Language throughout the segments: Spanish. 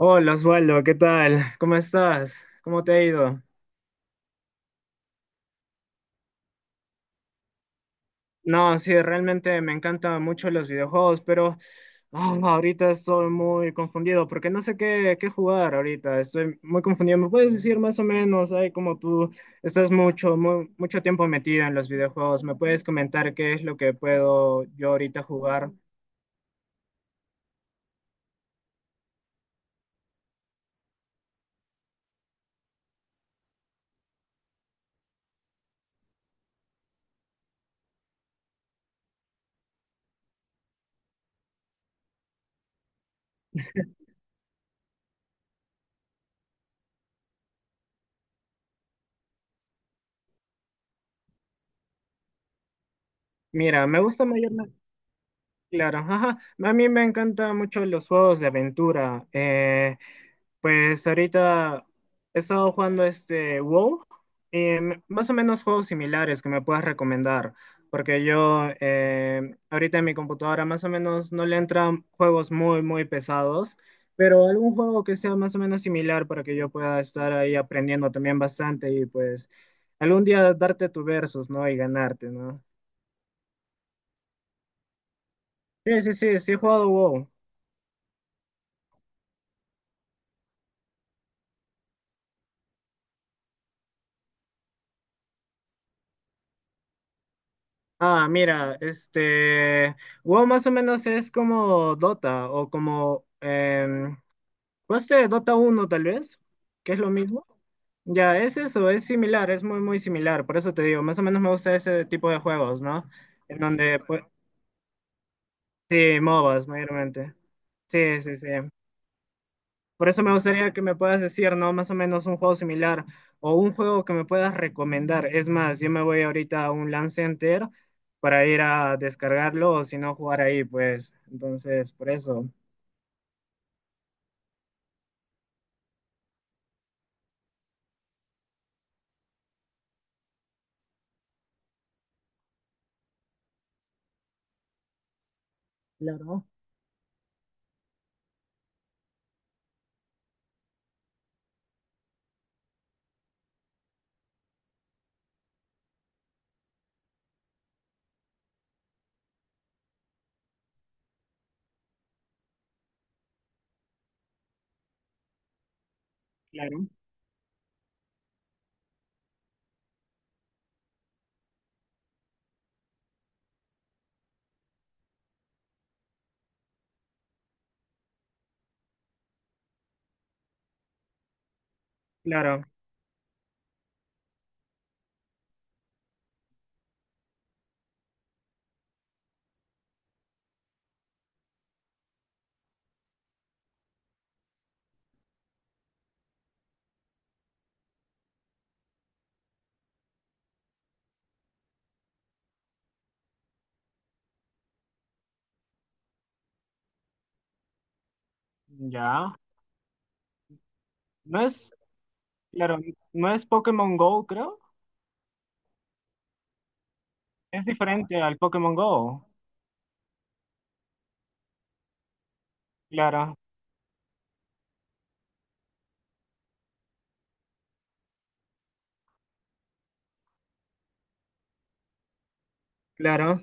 Hola Osvaldo, ¿qué tal? ¿Cómo estás? ¿Cómo te ha ido? No, sí, realmente me encantan mucho los videojuegos, pero ahorita estoy muy confundido porque no sé qué jugar ahorita. Estoy muy confundido. ¿Me puedes decir más o menos, ay, como tú estás mucho tiempo metido en los videojuegos? ¿Me puedes comentar qué es lo que puedo yo ahorita jugar? Mira, me gusta mayor. Claro, ajá. A mí me encantan mucho los juegos de aventura. Pues ahorita he estado jugando este WoW. Más o menos juegos similares que me puedas recomendar, porque yo ahorita en mi computadora más o menos no le entran juegos muy, muy pesados, pero algún juego que sea más o menos similar para que yo pueda estar ahí aprendiendo también bastante, y pues algún día darte tu versus, ¿no? Y ganarte, ¿no? Sí, sí, sí, sí he jugado WoW. Ah, mira, WoW más o menos es como Dota o como, ¿de Dota uno tal vez? ¿Que es lo mismo? Ya, es eso, es similar, es muy, muy similar, por eso te digo, más o menos me gusta ese tipo de juegos, ¿no? En donde, pues, sí, MOBAs mayormente. Sí, sí, sí. Por eso me gustaría que me puedas decir, ¿no? Más o menos un juego similar o un juego que me puedas recomendar. Es más, yo me voy ahorita a un Lance Center para ir a descargarlo o si no jugar ahí, pues. Entonces, por eso. Claro. Claro, claro. Ya. No es, claro, no es Pokémon Go, creo. Es diferente al Pokémon Go. Claro, claro,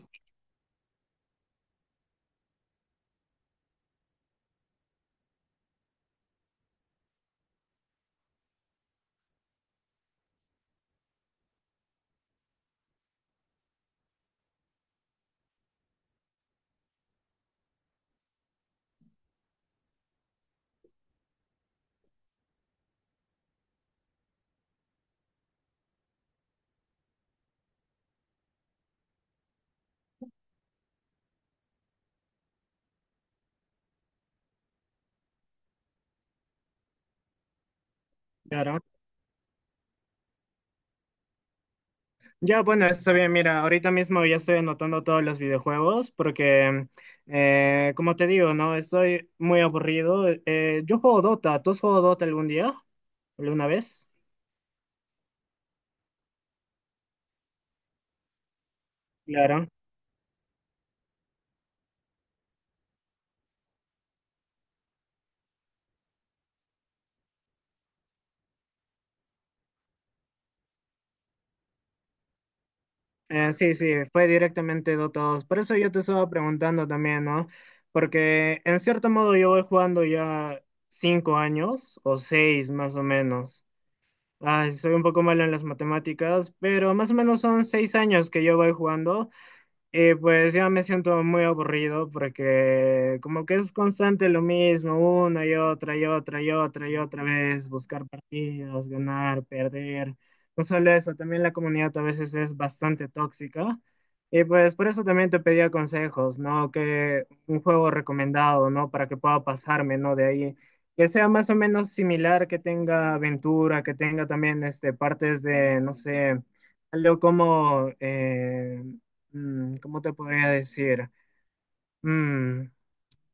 claro. Ya, bueno, está bien. Mira, ahorita mismo ya estoy anotando todos los videojuegos porque, como te digo, ¿no? Estoy muy aburrido. Yo juego Dota. ¿Tú has jugado Dota algún día? ¿Alguna vez? Claro. Sí, sí, fue directamente Dota dos. Por eso yo te estaba preguntando también, ¿no? Porque en cierto modo yo voy jugando ya cinco años o seis más o menos. Ay, soy un poco malo en las matemáticas, pero más o menos son seis años que yo voy jugando. Y pues ya me siento muy aburrido porque como que es constante lo mismo, una y otra y otra y otra y otra vez, buscar partidos, ganar, perder. No solo eso, también la comunidad a veces es bastante tóxica. Y pues por eso también te pedía consejos, ¿no? Que un juego recomendado, ¿no? Para que pueda pasarme, ¿no? De ahí. Que sea más o menos similar, que tenga aventura, que tenga también este, partes de, no sé, algo como... ¿cómo te podría decir? Mm,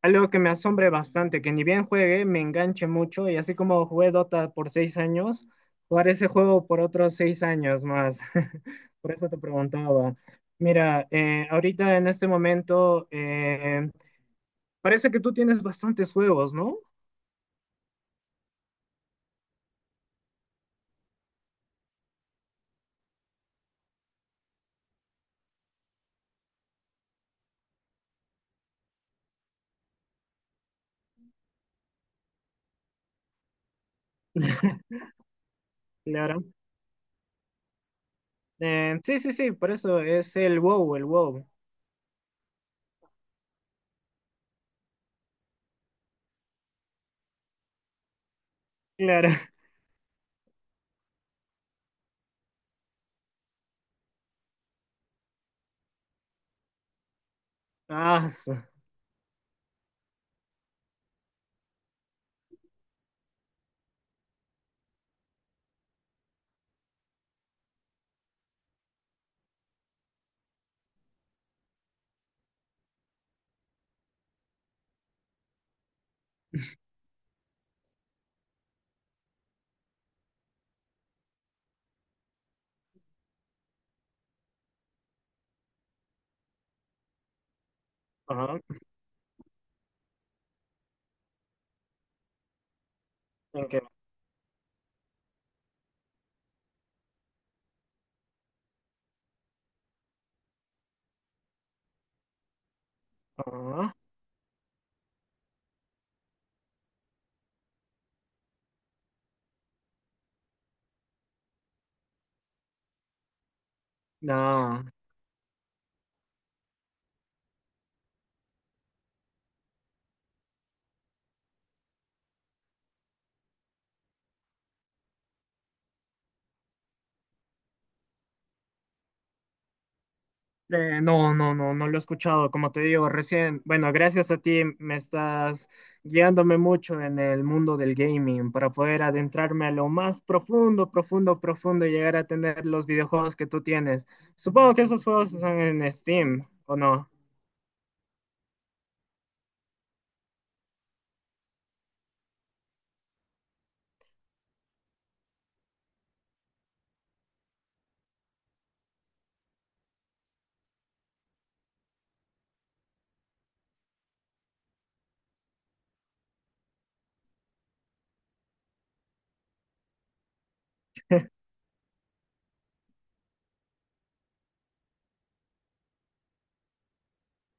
algo que me asombre bastante, que ni bien juegue, me enganche mucho y así como jugué Dota por seis años, jugar ese juego por otros seis años más. Por eso te preguntaba. Mira, ahorita en este momento, parece que tú tienes bastantes juegos, ¿no? Claro. Sí, sí, sí, por eso es el WoW, el WoW. Claro. Ah, su- ah, ok. Ah, no. No, no, no, no lo he escuchado. Como te digo, recién, bueno, gracias a ti me estás guiándome mucho en el mundo del gaming para poder adentrarme a lo más profundo, profundo, profundo y llegar a tener los videojuegos que tú tienes. Supongo que esos juegos están en Steam, ¿o no?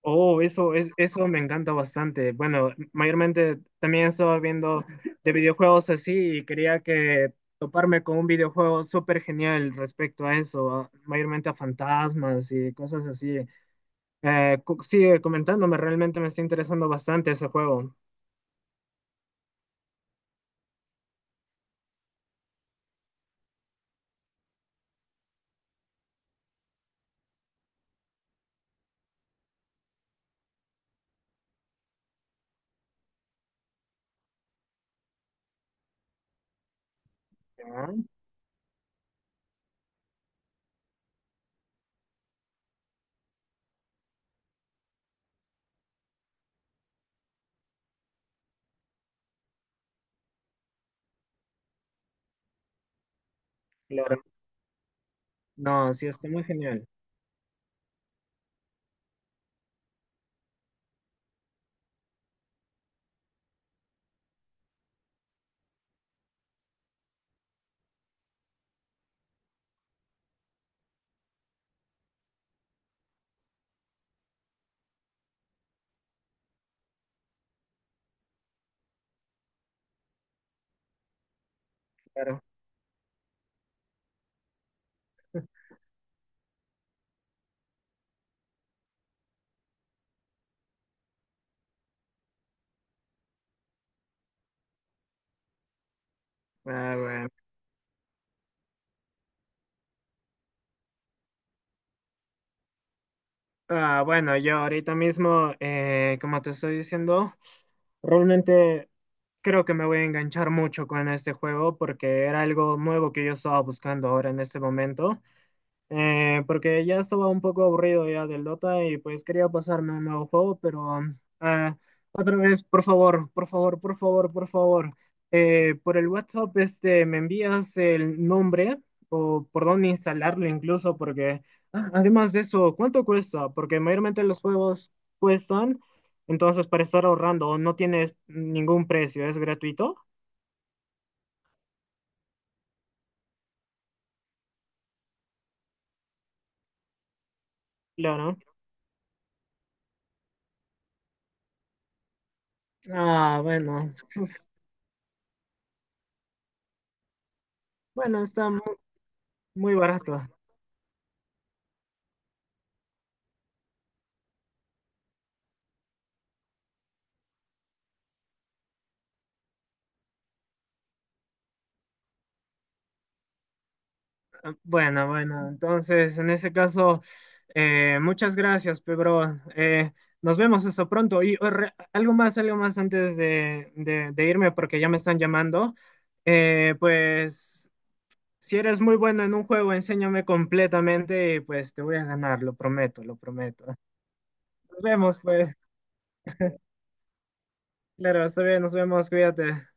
Oh, eso, es, eso me encanta bastante. Bueno, mayormente también estaba viendo de videojuegos así y quería que toparme con un videojuego súper genial respecto a eso, a- mayormente a fantasmas y cosas así. Sigue comentándome, realmente me está interesando bastante ese juego. Ah, claro. No, sí, está muy genial. Claro. Ah, bueno. Ah, bueno, yo ahorita mismo, como te estoy diciendo, realmente creo que me voy a enganchar mucho con este juego porque era algo nuevo que yo estaba buscando ahora en este momento. Porque ya estaba un poco aburrido ya del Dota y pues quería pasarme un nuevo juego, pero ah, otra vez, por favor, por favor, por favor, por favor, por el WhatsApp este, me envías el nombre o por dónde instalarlo incluso, porque ah, además de eso, ¿cuánto cuesta? Porque mayormente los juegos cuestan, entonces para estar ahorrando no tienes ningún precio, es gratuito, claro. Ah, bueno, uf, bueno, muy barato. Bueno, bueno, entonces en ese caso, muchas gracias, Pedro. Nos vemos eso pronto. Y oh, algo más antes de, de irme, porque ya me están llamando. Pues, si eres muy bueno en un juego, enséñame completamente y pues te voy a ganar, lo prometo, lo prometo. Nos vemos, pues. Claro, está bien, nos vemos, cuídate.